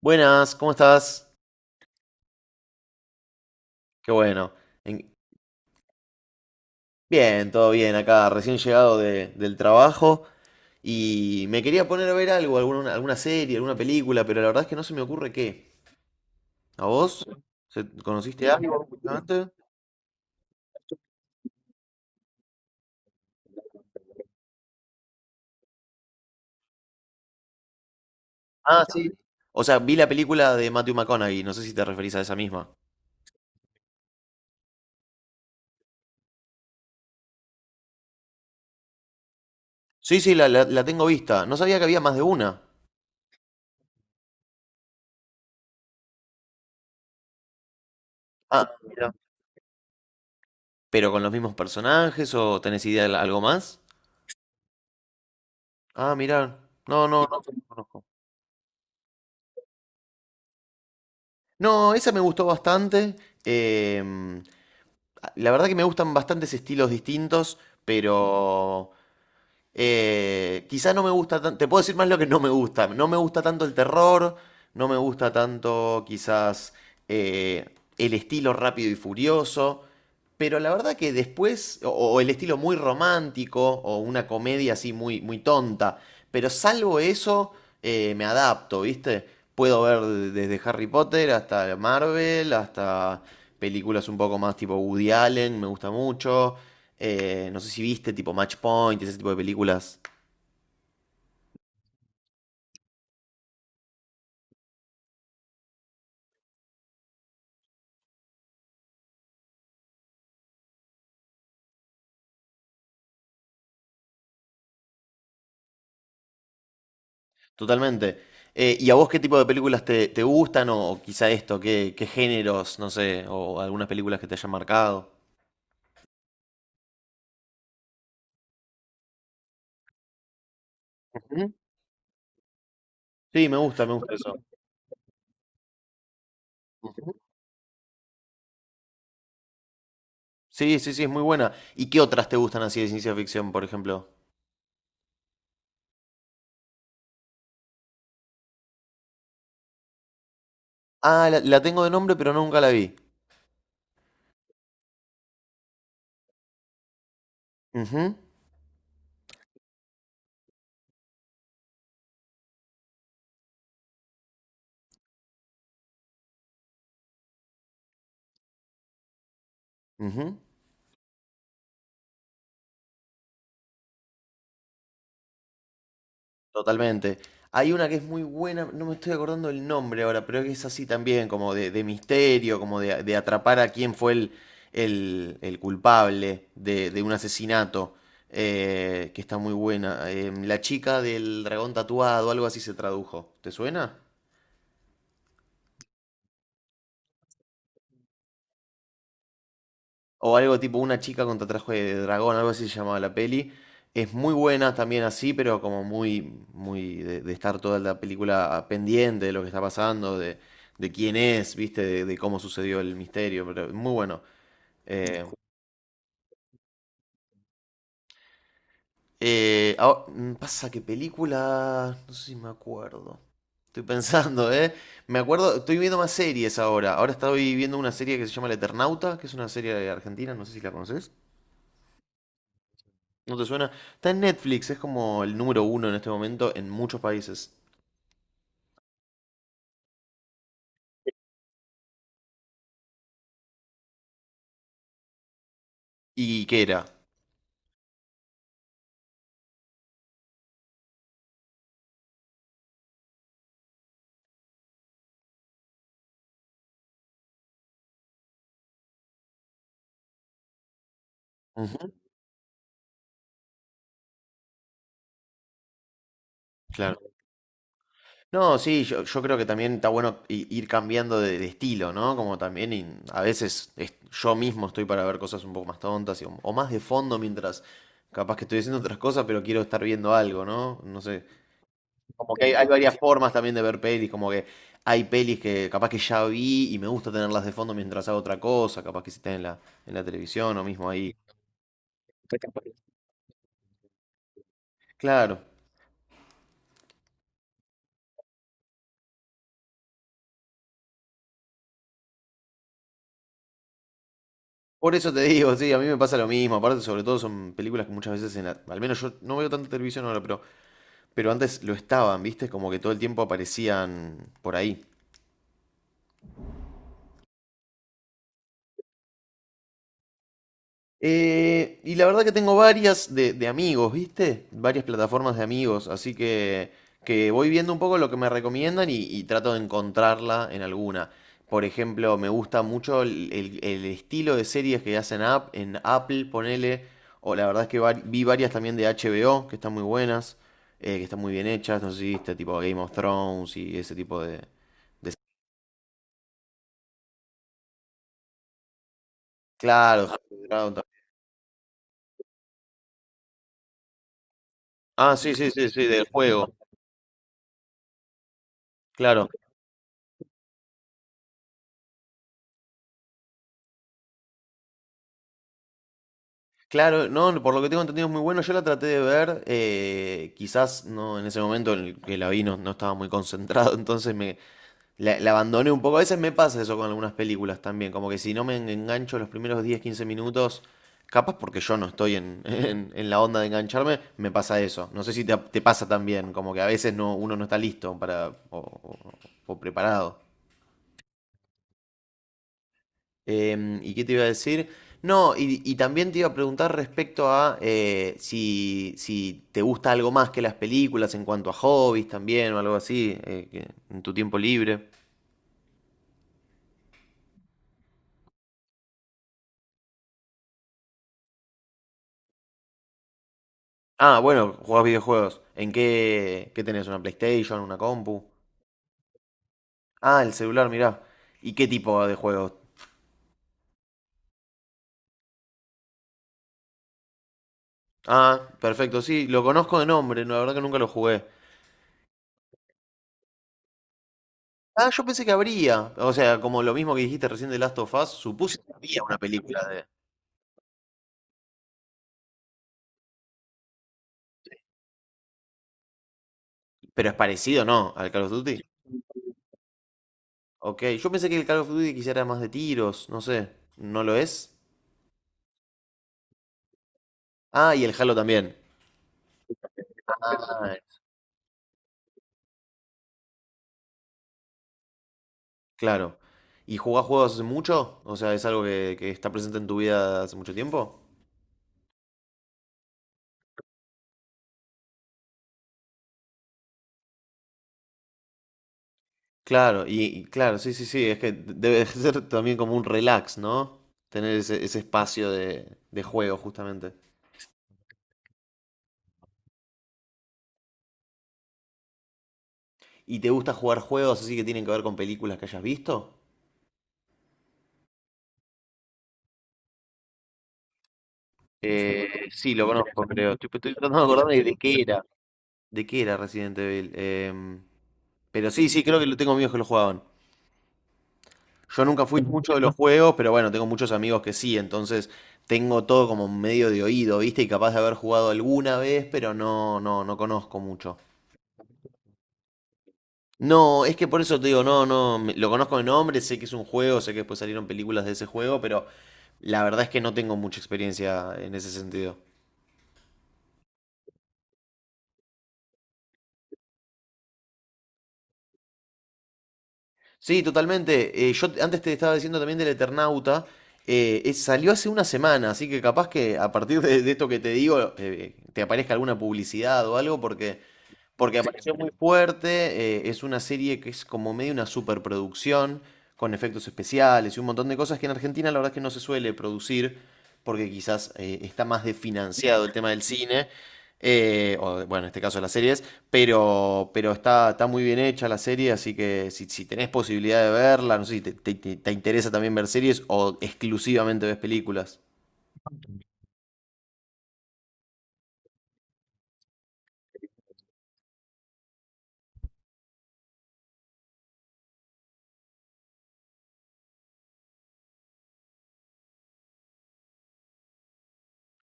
Buenas, ¿cómo estás? Qué bueno. En- Bien, todo bien acá, recién llegado del trabajo y me quería poner a ver algo, alguna serie, alguna película, pero la verdad es que no se me ocurre qué. ¿A vos? ¿Conociste algo últimamente? Ah, sí. O sea, vi la película de Matthew McConaughey, no sé si te referís a esa misma. Sí, sí, la tengo vista. No sabía que había más de una. Ah, mira. ¿Pero con los mismos personajes o tenés idea de algo más? Ah, mirá. No, no, no. No, esa me gustó bastante. em, la verdad que me gustan bastantes estilos distintos, pero quizá no me gusta tanto, te puedo decir más lo que no me gusta. No me gusta tanto el terror, no me gusta tanto quizás el estilo rápido y furioso, pero la verdad que después, o el estilo muy romántico, o una comedia así muy, muy tonta, pero salvo eso, me adapto, ¿viste? Puedo ver desde Harry Potter hasta Marvel, hasta películas un poco más tipo Woody Allen, me gusta mucho. No sé si viste, tipo Match Point, ese tipo de películas. Totalmente. ¿Y a vos qué tipo de películas te gustan? O quizá esto, ¿qué géneros, no sé, o algunas películas que te hayan marcado? Ujú. Sí, me gusta eso. Ujú. Sí, sí, sí, es muy buena. ¿Y qué otras te gustan así de ciencia ficción, por ejemplo? Ah, la tengo de nombre, pero nunca la vi. Ujú, ujú. Totalmente. Hay una que es muy buena, no me estoy acordando el nombre ahora, pero que es así también, como de misterio, como de atrapar a quién fue el culpable de un asesinato, que está muy buena. La chica del dragón tatuado, algo así se tradujo. ¿Te suena? O algo tipo una chica contra traje de dragón, algo así se llamaba la peli. Es muy buena también así, pero como muy, muy de estar toda la película pendiente de lo que está pasando, de quién es, viste, de cómo sucedió el misterio, pero muy bueno. Eh, Pasa que película, no sé si me acuerdo. Estoy pensando, ¿eh? Me acuerdo, estoy viendo más series ahora. Ahora estoy viendo una serie que se llama El Eternauta, que es una serie argentina, no sé si la conoces. ¿No te suena? Está en Netflix, es como el número uno en este momento en muchos países. ¿Y qué era? Ujú, claro. No, sí, yo creo que también está bueno ir cambiando de estilo, ¿no? Como también y a veces yo mismo estoy para ver cosas un poco más tontas o más de fondo mientras capaz que estoy haciendo otras cosas, pero quiero estar viendo algo, ¿no? No sé. Como que hay varias formas también de ver pelis, como que hay pelis que capaz que ya vi y me gusta tenerlas de fondo mientras hago otra cosa, capaz que si están en en la televisión o mismo ahí. Claro. Por eso te digo, sí, a mí me pasa lo mismo. Aparte, sobre todo son películas que muchas veces en al menos yo no veo tanta televisión ahora, pero antes lo estaban, ¿viste? Como que todo el tiempo aparecían por ahí. Y la verdad que tengo varias de amigos, ¿viste? Varias plataformas de amigos, así que voy viendo un poco lo que me recomiendan y trato de encontrarla en alguna. Por ejemplo, me gusta mucho el estilo de series que hacen app, en Apple, ponele, o la verdad es que vi varias también de HBO, que están muy buenas, que están muy bien hechas, no sé si viste, tipo Game of Thrones y ese tipo de claro, Dragon también. Ah, sí, sí, sí, sí, del juego, claro. Claro, no, por lo que tengo entendido es muy bueno. Yo la traté de ver, quizás no en ese momento en el que la vi no, no estaba muy concentrado, entonces me la, la abandoné un poco. A veces me pasa eso con algunas películas también, como que si no me engancho los primeros 10 15 minutos, capaz porque yo no estoy en, en la onda de engancharme, me pasa eso. No sé si te pasa también, como que a veces no, uno no está listo para, o preparado. ¿Y qué te iba a decir? No, y también te iba a preguntar respecto a si, si te gusta algo más que las películas en cuanto a hobbies también o algo así, que- en tu tiempo libre. Ah, bueno, jugás videojuegos. ¿En qué, qué tenés? ¿Una PlayStation? ¿Una compu? Ah, el celular, mirá. ¿Y qué tipo de juegos? Ah, perfecto, sí, lo conozco de nombre, no, la verdad que nunca lo jugué. Ah, yo pensé que habría. O sea, como lo mismo que dijiste recién de Last of Us, supuse que había una película de... Pero es parecido, ¿no? Al Call of Duty. Ok, yo pensé que el Call of Duty quizá era más de tiros, no sé, ¿no lo es? Ah, y el Halo también. Ah, claro. ¿Y jugás juegos hace mucho? O sea, ¿es algo que está presente en tu vida hace mucho tiempo? Claro, y claro, sí, sí, sí, es que debe ser también como un relax, ¿no? Tener ese, ese espacio de juego, justamente. ¿Y te gusta jugar juegos así que tienen que ver con películas que hayas visto? Sí, lo conozco, creo. Estoy, estoy tratando de acordarme de qué era. ¿De qué era Resident Evil? Pero sí, sí, creo que lo tengo amigos que lo jugaban. Yo nunca fui mucho de los juegos, pero bueno, tengo muchos amigos que sí, entonces tengo todo como medio de oído, ¿viste? Y capaz de haber jugado alguna vez, pero no, no, no conozco mucho. No, es que por eso te digo, no, no, lo conozco de nombre, sé que es un juego, sé que después salieron películas de ese juego, pero la verdad es que no tengo mucha experiencia en ese sentido. Sí, totalmente. Yo antes te estaba diciendo también del Eternauta. Salió hace una semana, así que capaz que a partir de esto que te digo, te aparezca alguna publicidad o algo, porque apareció muy fuerte, es una serie que es como medio una superproducción, con efectos especiales y un montón de cosas que en Argentina la verdad es que no se suele producir, porque quizás está más desfinanciado el tema del cine, bueno, en este caso de las series, pero está, está muy bien hecha la serie, así que si, si tenés posibilidad de verla, no sé si te interesa también ver series o exclusivamente ves películas.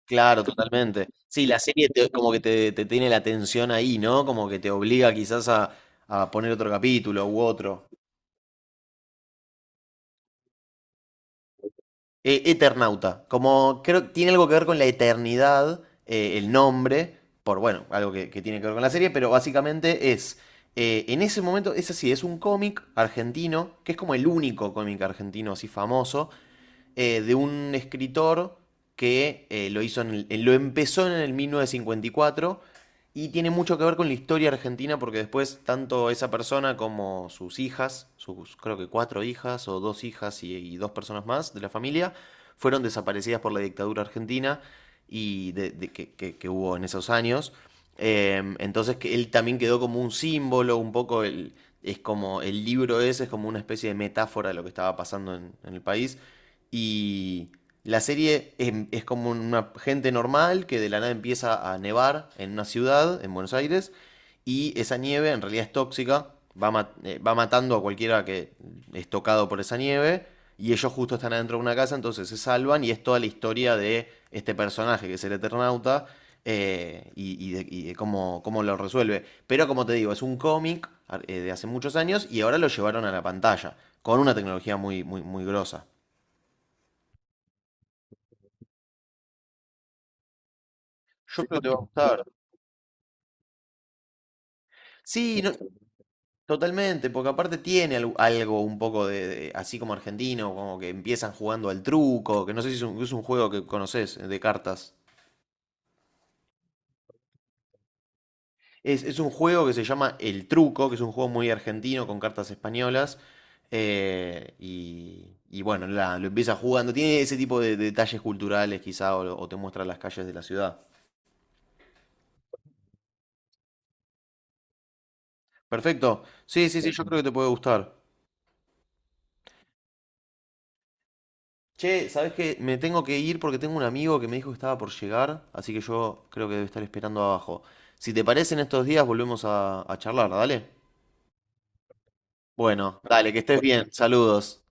Claro, totalmente. Sí, la como que te tiene la atención ahí, ¿no? Como que te obliga quizás a poner otro capítulo u otro. Eternauta, como creo que tiene algo que ver con la eternidad, el nombre, por bueno, algo que tiene que ver con la serie, pero básicamente es, en ese momento, es así, es un cómic argentino, que es como el único cómic argentino así famoso, de un escritor que lo empezó en el 1954 y cuatro y tiene mucho que ver con la historia argentina porque después tanto esa persona como sus hijas, sus creo que cuatro hijas o dos hijas y dos personas más de la familia, fueron desaparecidas por la dictadura argentina y de, que hubo en esos años. Entonces que él también quedó como un símbolo, un poco el, es como el libro ese es como una especie de metáfora de lo que estaba pasando en el país. Y la serie es como una gente normal que de la nada empieza a nevar en una ciudad, en Buenos Aires, y esa nieve en realidad es tóxica, va matando a cualquiera que es tocado por esa nieve, y ellos justo están adentro de una casa, entonces se salvan, y es toda la historia de este personaje que es el Eternauta, y de cómo, cómo lo resuelve. Pero como te digo, es un cómic de hace muchos años, y ahora lo llevaron a la pantalla, con una tecnología muy, muy, muy grosa. Yo creo que te va a gustar. Sí, no- Totalmente, porque aparte tiene algo, algo un poco de, así como argentino, como que empiezan jugando al truco, que no sé si es un, es un juego que conoces de cartas. Es un juego que se llama El Truco, que es un juego muy argentino con cartas españolas. Bueno, lo empieza jugando. Tiene ese tipo de, detalles culturales, quizá, o te muestra las calles de la ciudad. Perfecto. Sí, sí, sí, yo creo que te puede gustar. Che, ¿sabés qué? Me tengo que ir porque tengo un amigo que me dijo que estaba por llegar, así que yo creo que debe estar esperando abajo. Si te parece, en estos días volvemos a charlar, dale. Bueno, dale, que estés bien. Saludos.